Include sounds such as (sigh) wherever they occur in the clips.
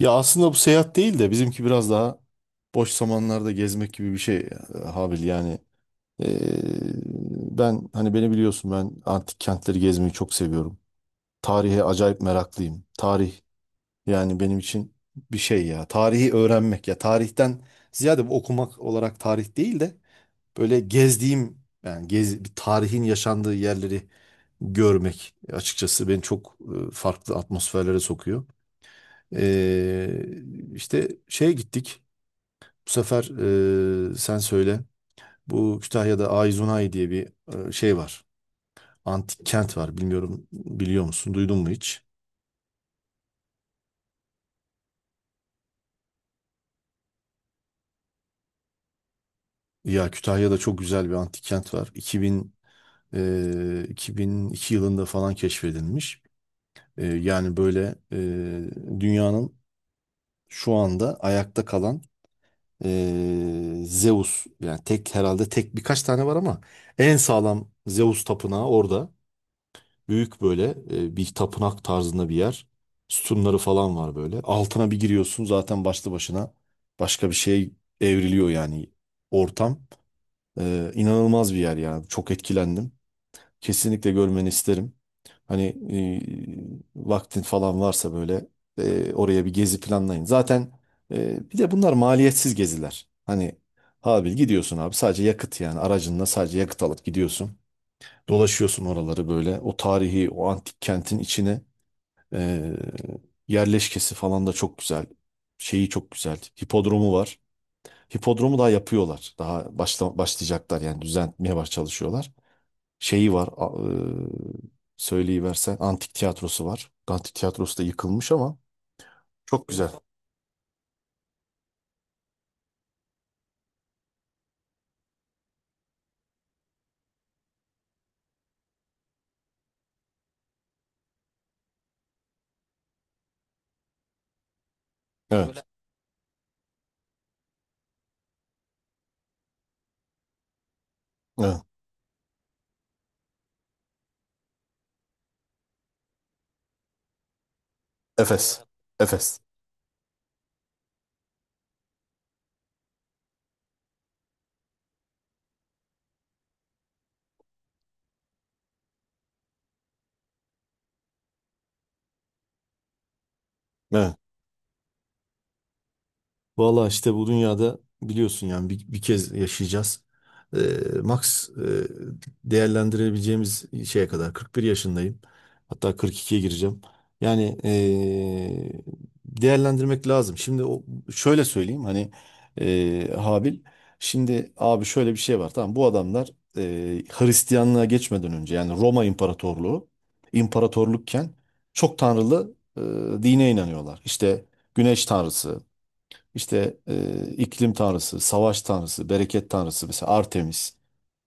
Ya aslında bu seyahat değil de bizimki biraz daha boş zamanlarda gezmek gibi bir şey Habil yani. Ee, Ben hani beni biliyorsun ben antik kentleri gezmeyi çok seviyorum. Tarihe acayip meraklıyım. Tarih yani benim için bir şey ya. Tarihi öğrenmek ya. Tarihten ziyade bu okumak olarak tarih değil de böyle gezdiğim yani bir tarihin yaşandığı yerleri görmek açıkçası beni çok farklı atmosferlere sokuyor. Ee, işte şeye gittik. Bu sefer sen söyle. Bu Kütahya'da Ayzunay diye bir şey var. Antik kent var. Bilmiyorum biliyor musun? Duydun mu hiç? Ya Kütahya'da çok güzel bir antik kent var. 2000 2002 yılında falan keşfedilmiş. Yani böyle dünyanın şu anda ayakta kalan Zeus yani tek herhalde tek birkaç tane var ama en sağlam Zeus tapınağı orada. Büyük böyle bir tapınak tarzında bir yer. Sütunları falan var böyle. Altına bir giriyorsun zaten başlı başına başka bir şey evriliyor yani ortam. İnanılmaz bir yer ya. Çok etkilendim. Kesinlikle görmeni isterim. Hani vaktin falan varsa böyle oraya bir gezi planlayın. Zaten bir de bunlar maliyetsiz geziler. Hani abi gidiyorsun abi sadece yakıt yani aracınla sadece yakıt alıp gidiyorsun. Dolaşıyorsun oraları böyle. O tarihi, o antik kentin içine e, yerleşkesi falan da çok güzel. Şeyi çok güzel. Hipodromu var. Hipodromu daha yapıyorlar. Daha başlayacaklar yani düzenlemeye çalışıyorlar. Şeyi var. Söyleyiversen antik tiyatrosu var. Antik tiyatrosu da yıkılmış ama çok güzel. Evet. Evet. Efes. Efes. Evet. Valla işte bu dünyada biliyorsun yani bir kez yaşayacağız. Ee, Max değerlendirebileceğimiz şeye kadar 41 yaşındayım. Hatta 42'ye gireceğim. Yani değerlendirmek lazım. Şimdi o, şöyle söyleyeyim hani Habil. Şimdi abi şöyle bir şey var. Tamam bu adamlar Hristiyanlığa geçmeden önce yani Roma İmparatorluğu imparatorlukken çok tanrılı dine inanıyorlar. İşte Güneş tanrısı, işte iklim tanrısı, savaş tanrısı, bereket tanrısı mesela Artemis.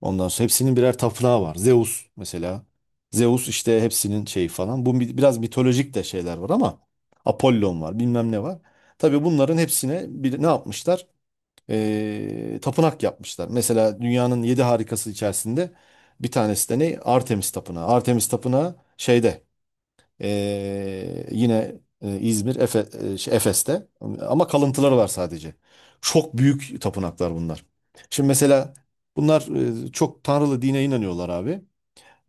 Ondan sonra hepsinin birer tapınağı var. Zeus mesela. Zeus işte hepsinin şeyi falan. Bu biraz mitolojik de şeyler var ama Apollon var, bilmem ne var. Tabii bunların hepsine bir, ne yapmışlar? Tapınak yapmışlar. Mesela dünyanın yedi harikası içerisinde bir tanesi de ne? Artemis Tapınağı. Artemis Tapınağı şeyde yine İzmir, şey, Efes'te ama kalıntıları var sadece. Çok büyük tapınaklar bunlar. Şimdi mesela bunlar çok tanrılı dine inanıyorlar abi.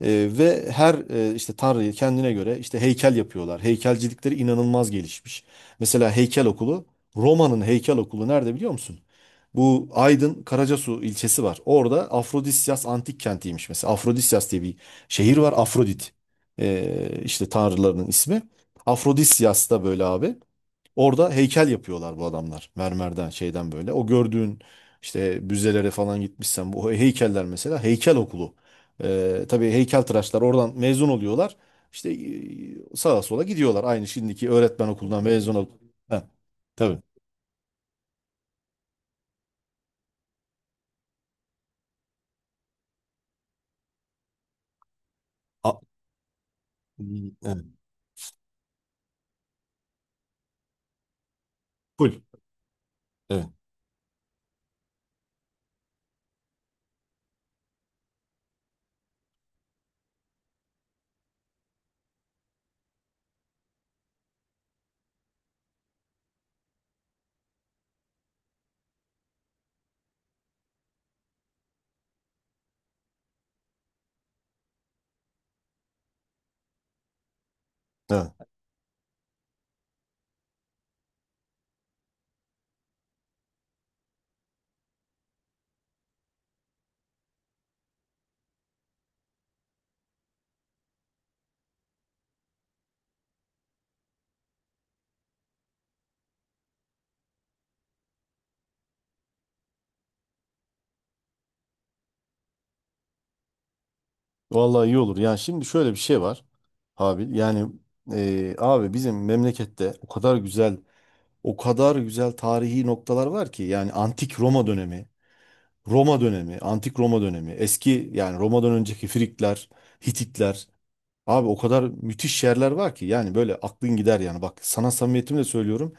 Ve her işte tanrıyı kendine göre işte heykel yapıyorlar. Heykelcilikleri inanılmaz gelişmiş. Mesela heykel okulu Roma'nın heykel okulu nerede biliyor musun? Bu Aydın Karacasu ilçesi var. Orada Afrodisyas antik kentiymiş mesela. Afrodisyas diye bir şehir var. Afrodit e, işte tanrılarının ismi. Afrodisyas da böyle abi. Orada heykel yapıyorlar bu adamlar. Mermerden, şeyden böyle. O gördüğün işte müzelere falan gitmişsen bu heykeller mesela heykel okulu. Tabii heykeltıraşlar oradan mezun oluyorlar. İşte sağa sola gidiyorlar. Aynı şimdiki öğretmen okulundan mezun ol. Ha, tabii. A- evet. Full. Evet. Evet. Vallahi iyi olur. Yani şimdi şöyle bir şey var Habil. Yani abi bizim memlekette o kadar güzel, o kadar güzel tarihi noktalar var ki yani antik Roma dönemi Roma dönemi, antik Roma dönemi, eski yani Roma'dan önceki Frikler, Hititler. Abi o kadar müthiş yerler var ki yani böyle aklın gider yani. Bak sana samimiyetimle söylüyorum.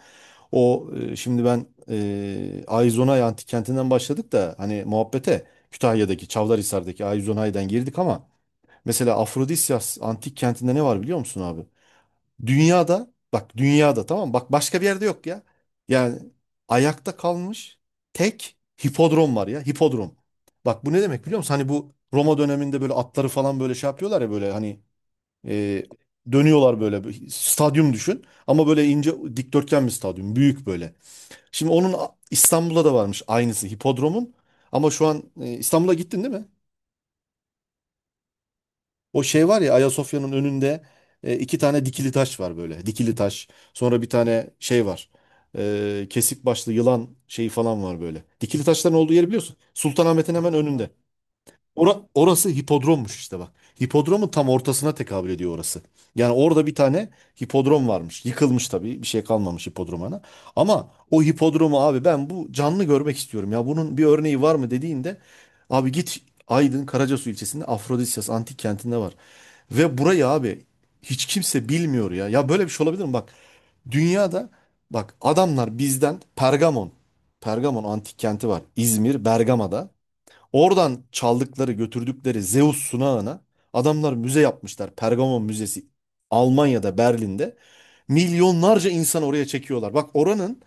O şimdi ben Ayzonay antik kentinden başladık da hani muhabbete Kütahya'daki Çavdarhisar'daki Ayzonay'dan girdik ama mesela Afrodisyas antik kentinde ne var biliyor musun abi? Dünyada bak dünyada tamam mı? Bak başka bir yerde yok ya. Yani ayakta kalmış tek hipodrom var ya hipodrom. Bak bu ne demek biliyor musun? Hani bu Roma döneminde böyle atları falan böyle şey yapıyorlar ya böyle hani e, dönüyorlar böyle bir stadyum düşün. Ama böyle ince dikdörtgen bir stadyum büyük böyle. Şimdi onun İstanbul'da da varmış aynısı hipodromun. Ama şu an İstanbul'a gittin değil mi? O şey var ya Ayasofya'nın önünde iki tane dikili taş var böyle. Dikili taş. Sonra bir tane şey var. Kesik başlı yılan şeyi falan var böyle. Dikili taşların olduğu yeri biliyorsun. Sultanahmet'in hemen önünde. Orası hipodrommuş işte bak. Hipodromun tam ortasına tekabül ediyor orası. Yani orada bir tane hipodrom varmış. Yıkılmış tabii. Bir şey kalmamış hipodromana. Ama o hipodromu abi ben bu canlı görmek istiyorum. Ya bunun bir örneği var mı dediğinde abi git Aydın Karacasu ilçesinde Afrodisyas antik kentinde var. Ve burayı abi hiç kimse bilmiyor ya. Ya böyle bir şey olabilir mi? Bak dünyada bak adamlar bizden Pergamon. Pergamon antik kenti var. İzmir, Bergama'da. Oradan çaldıkları, götürdükleri Zeus sunağına adamlar müze yapmışlar. Pergamon Müzesi Almanya'da, Berlin'de. Milyonlarca insan oraya çekiyorlar. Bak oranın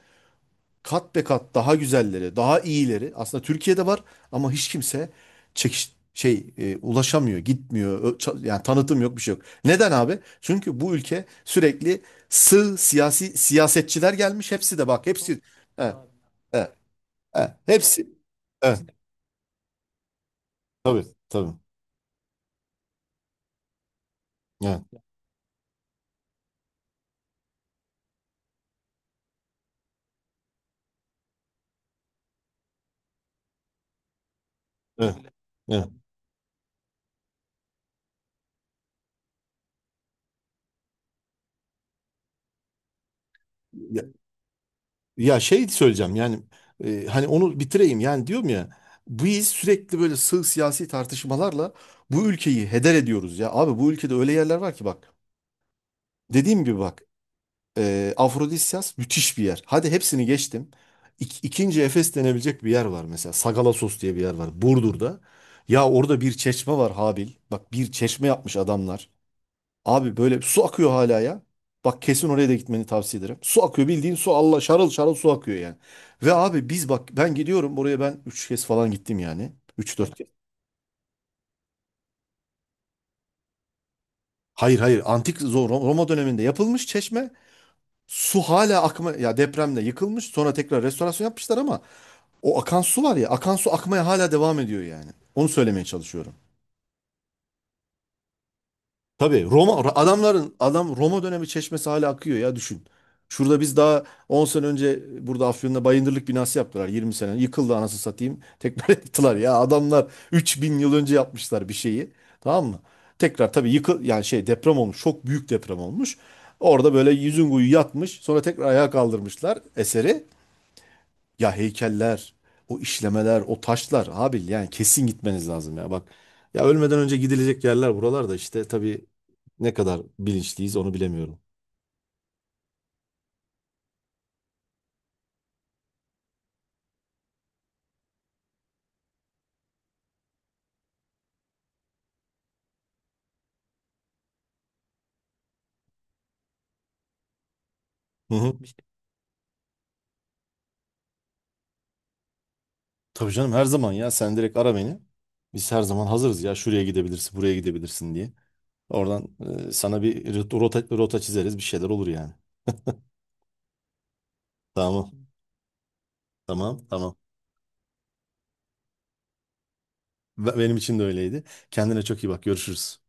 kat be kat daha güzelleri, daha iyileri aslında Türkiye'de var ama hiç kimse ulaşamıyor, gitmiyor. Yani tanıtım yok, bir şey yok. Neden abi? Çünkü bu ülke sürekli sığ siyasi siyasetçiler gelmiş. Hepsi de bak, çok hepsi var, evet, abi. Evet, evet, hepsi, evet, hepsini, tabii, tabii. Evet, evet, öyle. Evet. Ya şey söyleyeceğim yani hani onu bitireyim yani diyorum ya biz sürekli böyle sığ siyasi tartışmalarla bu ülkeyi heder ediyoruz ya. Abi bu ülkede öyle yerler var ki bak dediğim gibi bak Afrodisyas müthiş bir yer. Hadi hepsini geçtim. İk, ikinci Efes denebilecek bir yer var mesela Sagalassos diye bir yer var Burdur'da. Ya orada bir çeşme var Habil. Bak bir çeşme yapmış adamlar. Abi böyle su akıyor hala ya. Bak kesin oraya da gitmeni tavsiye ederim. Su akıyor bildiğin su Allah şarıl şarıl su akıyor yani. Ve abi biz bak ben gidiyorum oraya ben üç kez falan gittim yani. Üç dört kez. Hayır, hayır, antik Roma döneminde yapılmış çeşme. Su hala akma ya depremde yıkılmış sonra tekrar restorasyon yapmışlar ama o akan su var ya akan su akmaya hala devam ediyor yani. Onu söylemeye çalışıyorum. Tabii Roma adamların adam Roma dönemi çeşmesi hala akıyor ya düşün. Şurada biz daha 10 sene önce burada Afyon'da Bayındırlık binası yaptılar 20 sene. Yıkıldı anasını satayım. (laughs) Tekrar yaptılar ya adamlar 3.000 yıl önce yapmışlar bir şeyi. Tamam mı? Tekrar tabii yani şey deprem olmuş. Çok büyük deprem olmuş. Orada böyle yüzün kuyu yatmış. Sonra tekrar ayağa kaldırmışlar eseri. Ya heykeller, o işlemeler, o taşlar abi yani kesin gitmeniz lazım ya. Bak ya ölmeden önce gidilecek yerler buralarda işte tabii ne kadar bilinçliyiz onu bilemiyorum. Hı hı. Tabii canım her zaman ya sen direkt ara beni. Biz her zaman hazırız ya şuraya gidebilirsin, buraya gidebilirsin diye. Oradan sana bir rota çizeriz bir şeyler olur yani. Tamam. Tamam, tamam. Benim için de öyleydi. Kendine çok iyi bak. Görüşürüz.